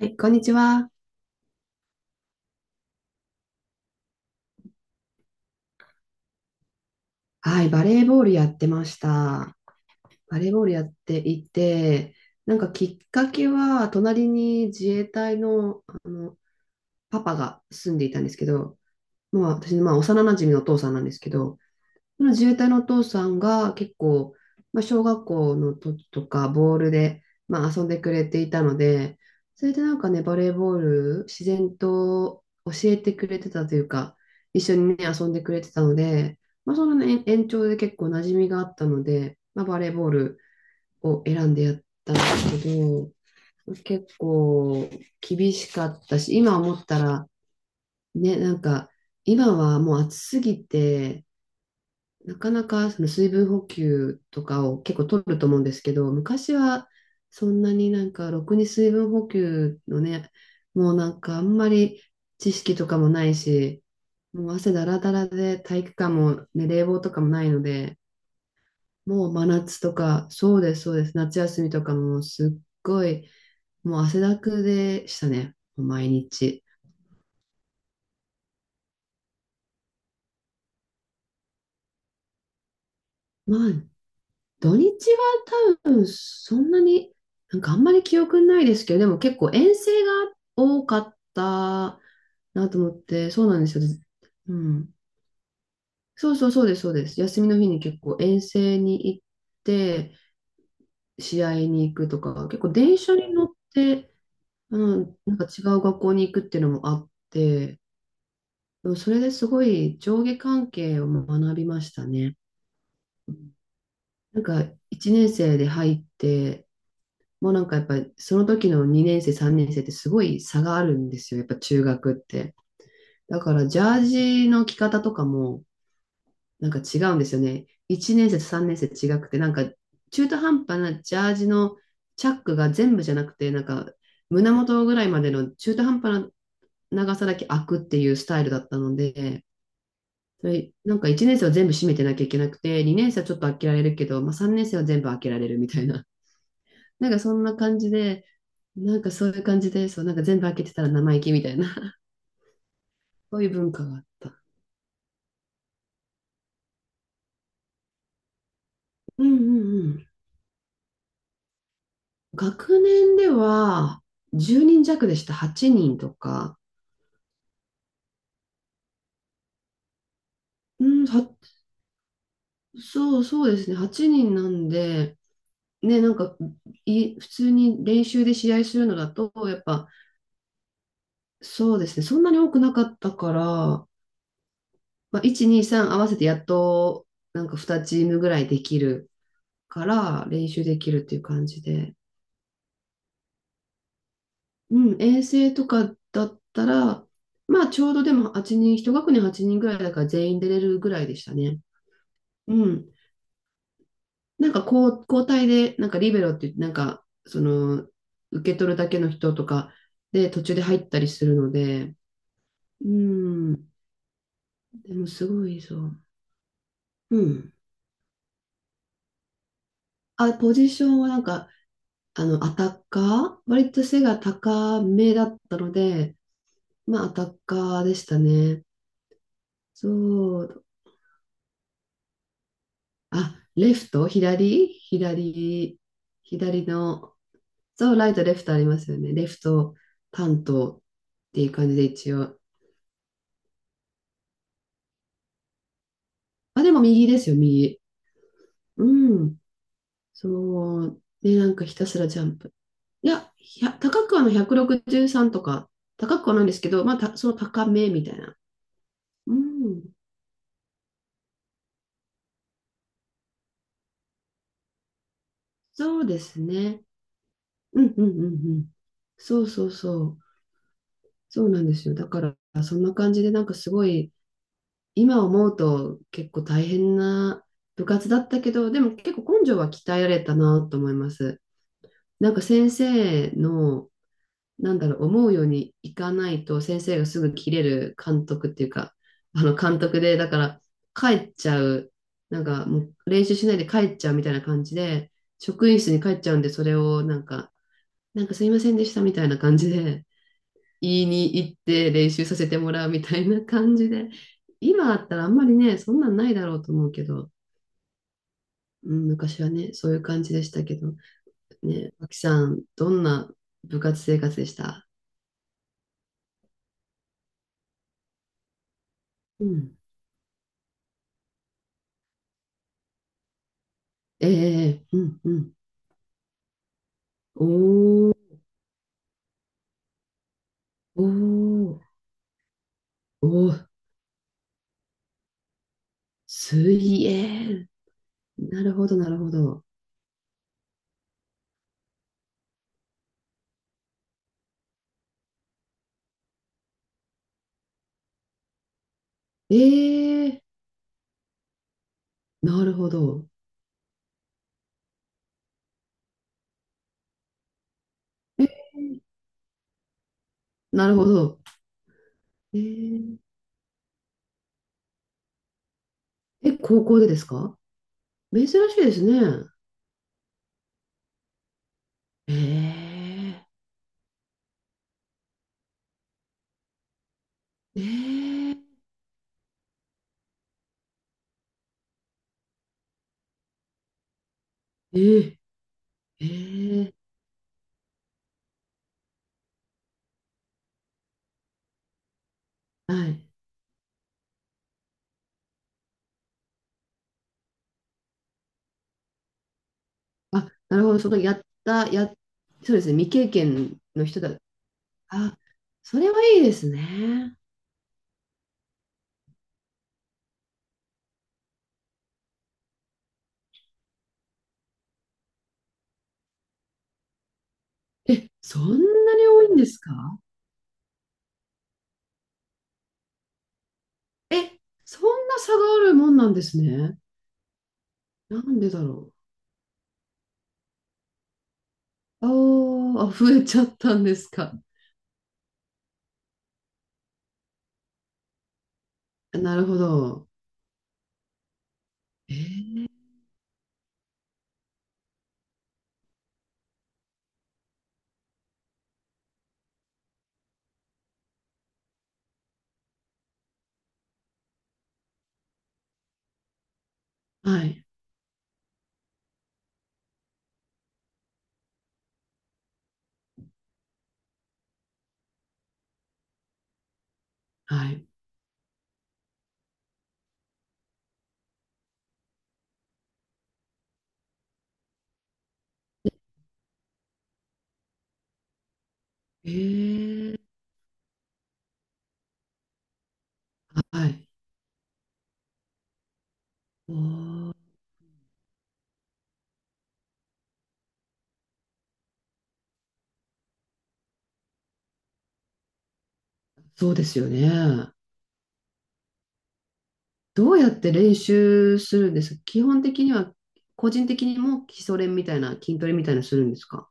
はい、こんにちは。はい、バレーボールやってました。バレーボールやっていて、なんかきっかけは、隣に自衛隊の、あのパパが住んでいたんですけど、まあ、私のまあ幼なじみのお父さんなんですけど、その自衛隊のお父さんが結構、まあ、小学校の時とかボールで、まあ、遊んでくれていたので、それでなんかね、バレーボール自然と教えてくれてたというか、一緒にね、遊んでくれてたので、まあ、その、ね、延長で結構馴染みがあったので、まあ、バレーボールを選んでやったんですけど、結構厳しかったし、今思ったら、ね、なんか、今はもう暑すぎて、なかなかその水分補給とかを結構取ると思うんですけど、昔はそんなになんかろくに水分補給のね、もうなんかあんまり知識とかもないし、もう汗だらだらで体育館も、ね、冷房とかもないので、もう真夏とか、そうです、そうです、夏休みとかもすっごい、もう汗だくでしたね、毎日。まあ土日は多分そんなに、なんかあんまり記憶ないですけど、でも結構遠征が多かったなと思って、そうなんですよ。うん。そうそうそうです、そうです。休みの日に結構遠征に行って、試合に行くとか、結構電車に乗って、うん、なんか違う学校に行くっていうのもあって、でもそれですごい上下関係を学びましたね。なんか1年生で入って、もうなんかやっぱりその時の2年生、3年生ってすごい差があるんですよ。やっぱ中学って。だからジャージの着方とかもなんか違うんですよね。1年生と3年生違くて、なんか中途半端なジャージのチャックが全部じゃなくて、なんか胸元ぐらいまでの中途半端な長さだけ開くっていうスタイルだったので、それなんか1年生は全部閉めてなきゃいけなくて、2年生はちょっと開けられるけど、まあ、3年生は全部開けられるみたいな。なんかそんな感じで、なんかそういう感じで、そう、なんか全部開けてたら生意気みたいな、そういう文化があった。うんうんうん。学年では10人弱でした。8人とか。うん、そうそうですね。8人なんで、ね、なんか、普通に練習で試合するのだと、やっぱ、そうですね。そんなに多くなかったから、まあ、1、2、3合わせてやっと、なんか2チームぐらいできるから、練習できるっていう感じで。うん、衛星とかだったら、まあちょうどでも8人、一学年8人ぐらいだから全員出れるぐらいでしたね。うん。なんかこう交代で、なんかリベロって言って、なんかその受け取るだけの人とかで途中で入ったりするので、うん。でもすごいそう。うん。あ、ポジションはなんか、あの、アタッカー割と背が高めだったので、まあアタッカーでしたね。そう。あ、レフト、左の、そう、ライト、レフトありますよね。レフト担当っていう感じで一応。あ、でも右ですよ、右。うん。そう。で、なんかひたすらジャンプ。いや、高くはの163とか、高くはないんですけど、まあ、その高めみたいな。うん。そうですね。うんうんうんうん。そうそうそう。そうなんですよ。だから、そんな感じで、なんかすごい、今思うと結構大変な部活だったけど、でも結構根性は鍛えられたなと思います。なんか先生の、なんだろう、思うようにいかないと先生がすぐ切れる監督っていうか、あの監督で、だから帰っちゃう、なんかもう練習しないで帰っちゃうみたいな感じで、職員室に帰っちゃうんで、それをなんか、なんかすいませんでしたみたいな感じで、言いに行って練習させてもらうみたいな感じで、今あったらあんまりね、そんなんないだろうと思うけど、うん、昔はね、そういう感じでしたけど、ね、あきさん、どんな部活生活でした？うん。ええうんうん。おー、おー、おー、水泳。なるほど、なるほど。ええなるほど。え、なるほど。えーえ、高校でですか？珍しいですね。えええええええーはい。あ、なるほど。そのやった、や、そうですね。未経験の人だ。あ、それはいいですね。え、そんなに多いんですか？え、そんな差があるもんなんですね。なんでだろう。あーあ、増えちゃったんですか？なるほど。えー、はい、はい。えー、はい。おー、そうですよね。どうやって練習するんですか、基本的には？個人的にも基礎練みたいな、筋トレみたいなするんですか？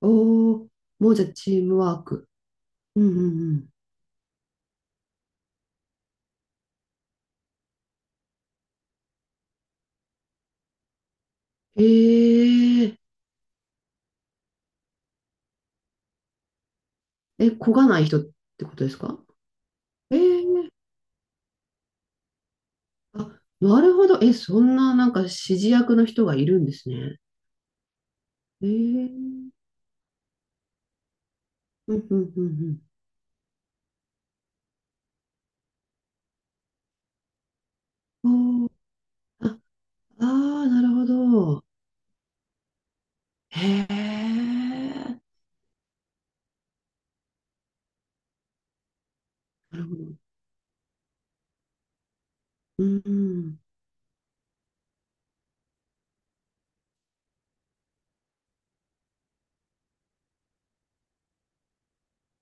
おおー、もうじゃあチームワーク。うんうんうん。えええ、こがない人ってことですか？えーあ、なるほど。え、そんななんか指示役の人がいるんですね。えーうんうんうんうん。おーあ、あー、なるほど。へえ、なるほど。うんうん。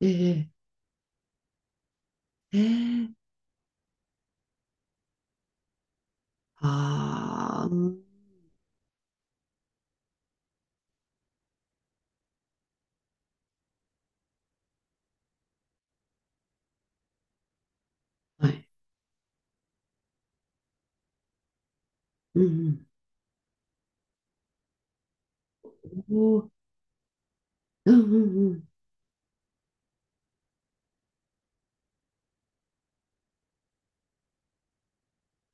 えーええああ、うん。はい。うんうん。おー、うんうんうん。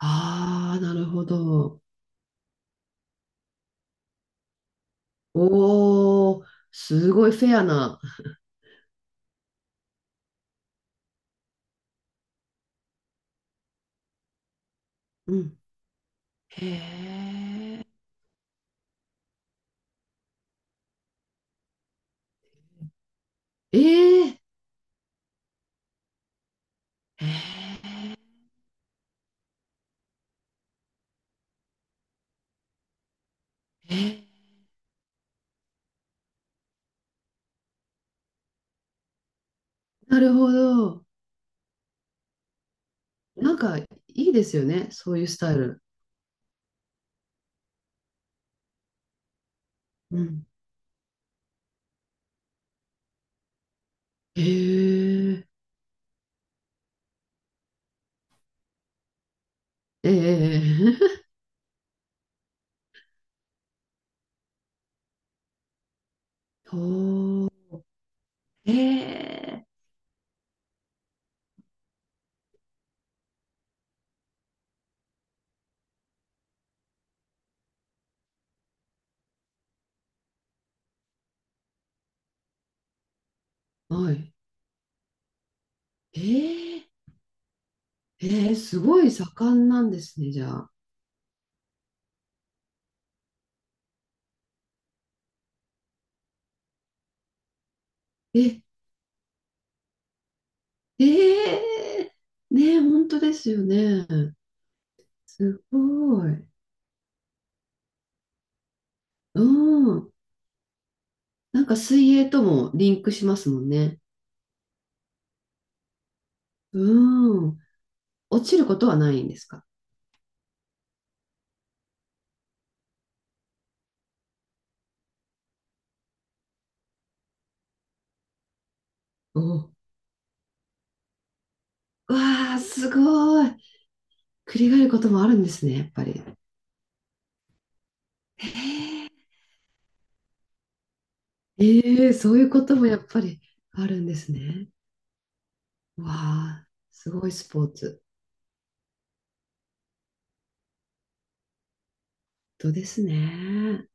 ああ、なるほど。おお、すごいフェアな。うん。へえ。ええ。へえ。へえーなるほど。なんかいいですよね。そういうスタイル。うん。へえ。ええ。おお。へえ。はい。ええ。ええ、すごい盛んなんですね、じゃあ。え、ええねえ、本当ですよね。すごい。うん。なんか水泳ともリンクしますもんね。うん。落ちることはないんですか？おう。わあ、すごい。繰り返ることもあるんですね、やっぱり。ええそういうこともやっぱりあるんですね。わあ、すごいスポーツ。本当ですね。